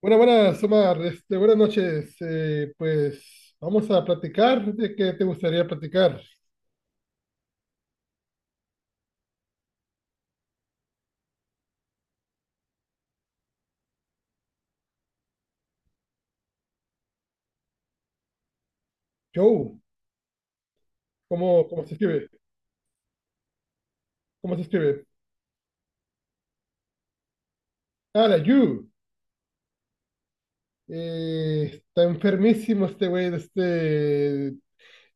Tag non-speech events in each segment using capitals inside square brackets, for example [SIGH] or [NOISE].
Buenas, buenas, Omar. Buenas noches. Pues vamos a platicar de qué te gustaría platicar. Joe, ¿cómo se escribe? ¿Cómo se escribe? Ah, la Yu. Está enfermísimo este güey.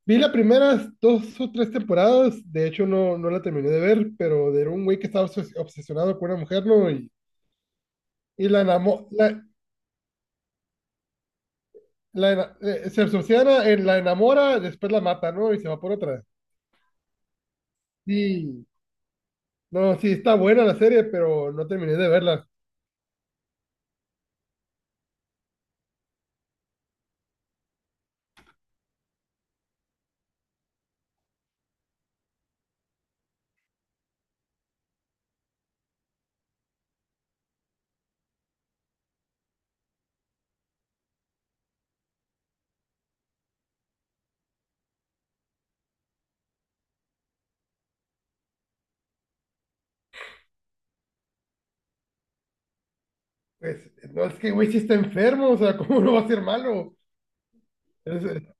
Vi las primeras dos o tres temporadas. De hecho, no, no la terminé de ver, pero era un güey que estaba obsesionado con una mujer, ¿no? Y la enamo- la ena- se obsesiona, la enamora, después la mata, ¿no? Y se va por otra. Sí. No, sí, está buena la serie, pero no terminé de verla. Pues, no, es que, güey, sí está enfermo, o sea, [LAUGHS] ¿cómo no va a ser malo? Es- es-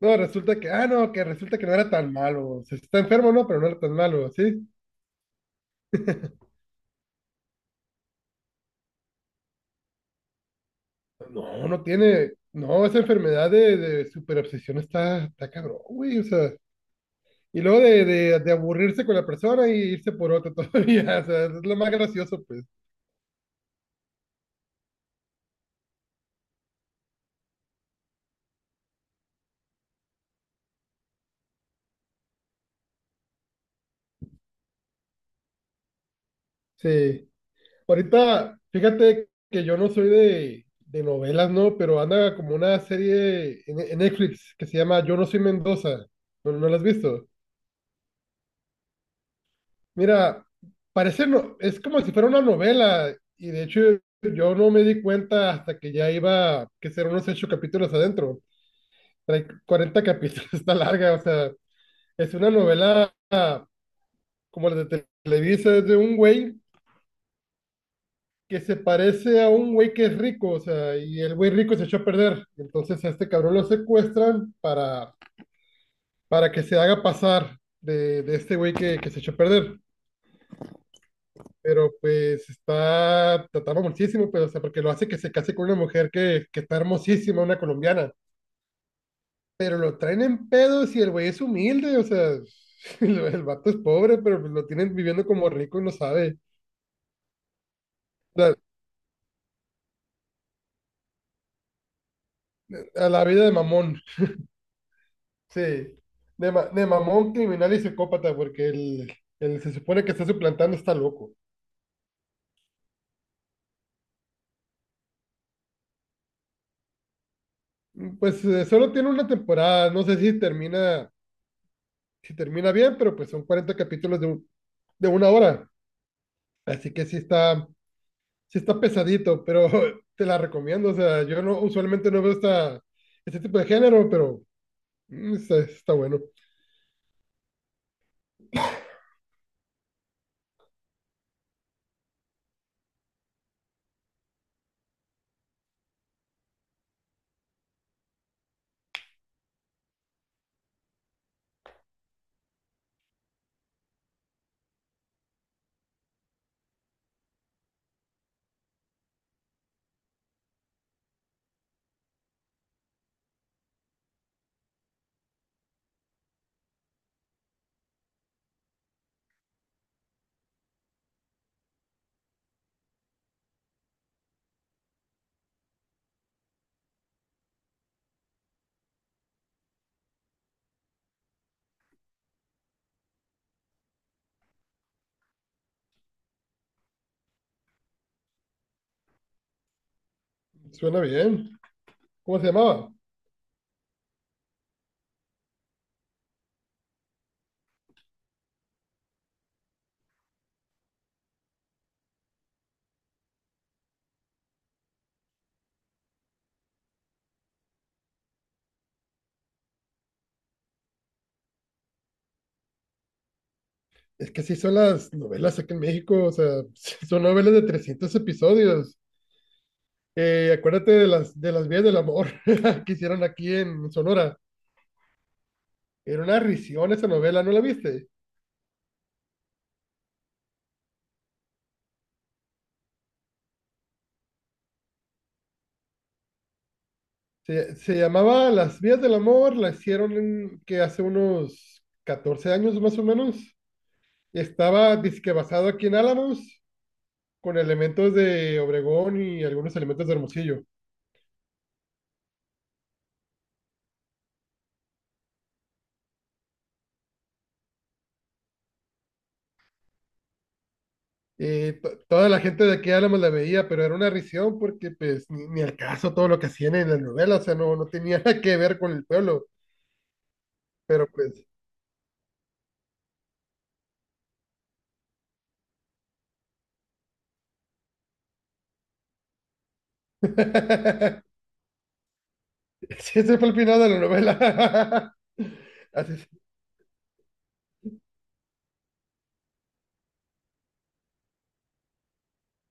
no, resulta que, no, que resulta que no era tan malo. O sea, está enfermo, no, pero no era tan malo, ¿sí? No, no tiene, no, esa enfermedad de superobsesión está, está cabrón, güey, o sea. Y luego de aburrirse con la persona y irse por otra [LAUGHS] todavía, o sea, es lo más gracioso, pues. Sí. Ahorita, fíjate que yo no soy de novelas, ¿no? Pero anda como una serie en Netflix que se llama Yo no soy Mendoza. ¿No la has visto? Mira, parece no, es como si fuera una novela y de hecho yo no me di cuenta hasta que ya iba que ser unos ocho capítulos adentro. Trae 40 capítulos, [LAUGHS] está larga, o sea, es una novela como la de Televisa, es de un güey que se parece a un güey que es rico, o sea, y el güey rico se echó a perder. Entonces a este cabrón lo secuestran para que se haga pasar de este güey que se echó a perder. Pero pues está tratado muchísimo, pero o sea, porque lo hace que se case con una mujer que está hermosísima, una colombiana. Pero lo traen en pedos y el güey es humilde, o sea, [LAUGHS] el vato es pobre, pero pues lo tienen viviendo como rico y no sabe. La- a la vida de mamón. Sí, de mamón, criminal y psicópata, porque el se supone que está suplantando está loco. Pues solo tiene una temporada, no sé si si termina bien, pero pues son 40 capítulos de una hora, así que sí está, pesadito, pero [LAUGHS] te la recomiendo, o sea, yo no, usualmente no veo este tipo de género, pero está bueno, suena bien. ¿Cómo se llamaba? Es que sí son las novelas aquí en México, o sea, [LAUGHS] son novelas de 300 episodios. Acuérdate de las vías del amor [LAUGHS] que hicieron aquí en Sonora. Era una risión esa novela, ¿no la viste? Se llamaba Las vías del amor, la hicieron que hace unos 14 años más o menos. Estaba disque basado aquí en Álamos, con elementos de Obregón y algunos elementos de Hermosillo. Toda la gente de aquí de Álamos la veía, pero era una risión porque pues ni al caso todo lo que hacían en la novela, o sea, no tenía [LAUGHS] nada que ver con el pueblo, pero pues... [LAUGHS] [LAUGHS] Sí, ese fue el final de la novela. [LAUGHS] Así se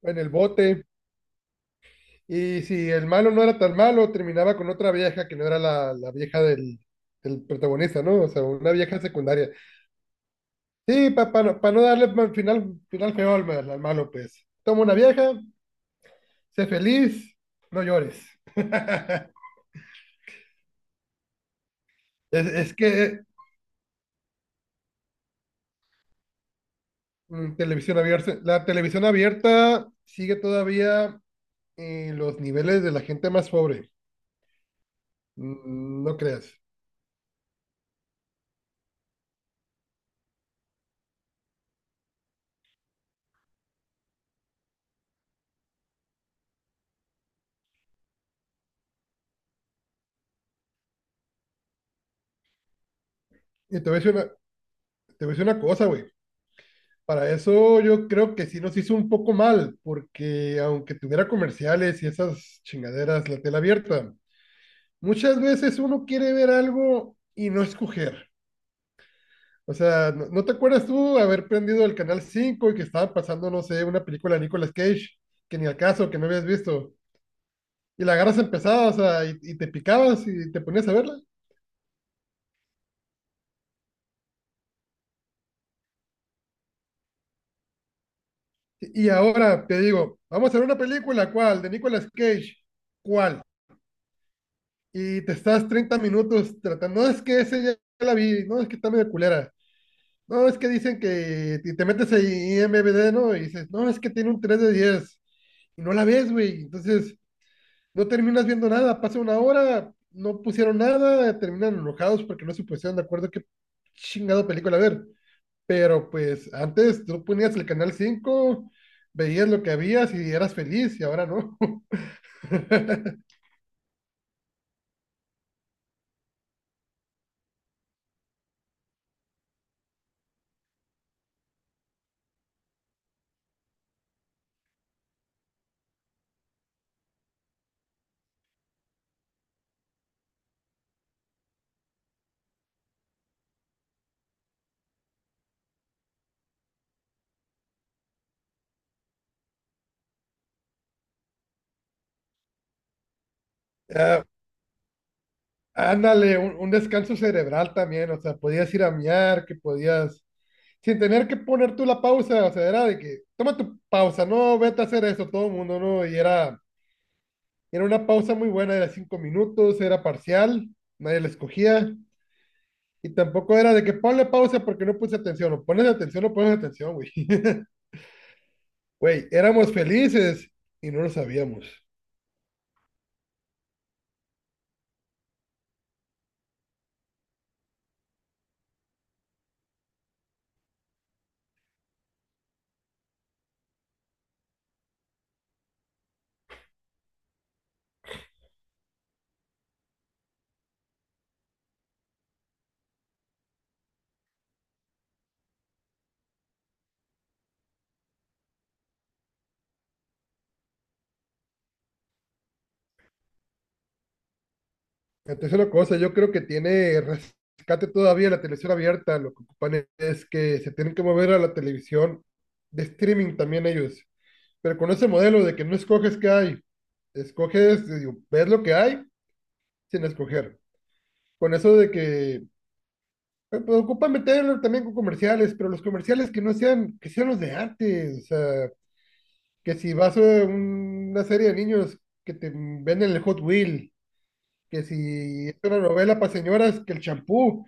fue en el bote. Y si el malo no era tan malo, terminaba con otra vieja que no era la vieja del protagonista, ¿no? O sea, una vieja secundaria. Sí, para no, pa no darle final feo al malo, pues. Toma una vieja, sé feliz, no llores. [LAUGHS] Es que la televisión abierta sigue todavía en los niveles de la gente más pobre. No creas. Y te voy a decir una, te voy a decir una cosa, güey. Para eso yo creo que sí nos hizo un poco mal, porque aunque tuviera comerciales y esas chingaderas, la tela abierta, muchas veces uno quiere ver algo y no escoger. O sea, ¿no te acuerdas tú haber prendido el canal 5 y que estaba pasando, no sé, una película de Nicolas Cage, que ni al caso, que no habías visto? Y la agarras empezada, o sea, y te picabas y te ponías a verla. Y ahora te digo, vamos a ver una película, ¿cuál? De Nicolas Cage, ¿cuál? Y te estás 30 minutos tratando, no es que ese ya la vi, no es que está medio culera, no es que dicen que y te metes a IMBD, ¿no? Y dices, no, es que tiene un 3 de 10 y no la ves, güey, entonces no terminas viendo nada, pasa una hora, no pusieron nada, terminan enojados porque no se pusieron de acuerdo qué chingado película ver. Pero pues antes tú ponías el canal 5 veías lo que habías y eras feliz y ahora no. [LAUGHS] ah, Ándale, un descanso cerebral también, o sea, podías ir a miar, que podías, sin tener que poner tú la pausa, o sea, era de que, toma tu pausa, no, vete a hacer eso, todo el mundo, ¿no? Y era, una pausa muy buena, era 5 minutos, era parcial, nadie la escogía, y tampoco era de que ponle pausa porque no puse atención, o pones atención o pones atención, güey. [LAUGHS] Güey, éramos felices y no lo sabíamos. La tercera cosa, yo creo que tiene rescate todavía la televisión abierta. Lo que ocupan es que se tienen que mover a la televisión de streaming también ellos. Pero con ese modelo de que no escoges qué hay, escoges, digo, ves lo que hay sin escoger. Con eso de que pues, ocupan meterlo también con comerciales, pero los comerciales que no sean, que sean los de antes. O sea, que si vas a una serie de niños que te venden el Hot Wheel, que si es una novela para señoras, que el champú.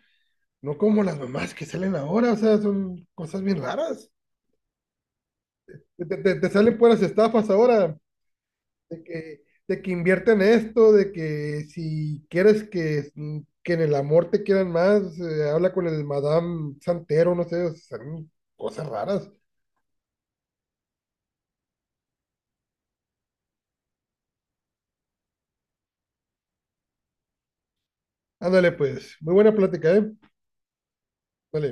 No como las mamás que salen ahora, o sea, son cosas bien raras. Te salen puras estafas ahora, de que invierten esto, de que si quieres que en el amor te quieran más, habla con el Madame Santero, no sé, o sea, son cosas raras. Ándale, pues, muy buena plática, ¿eh? Dale.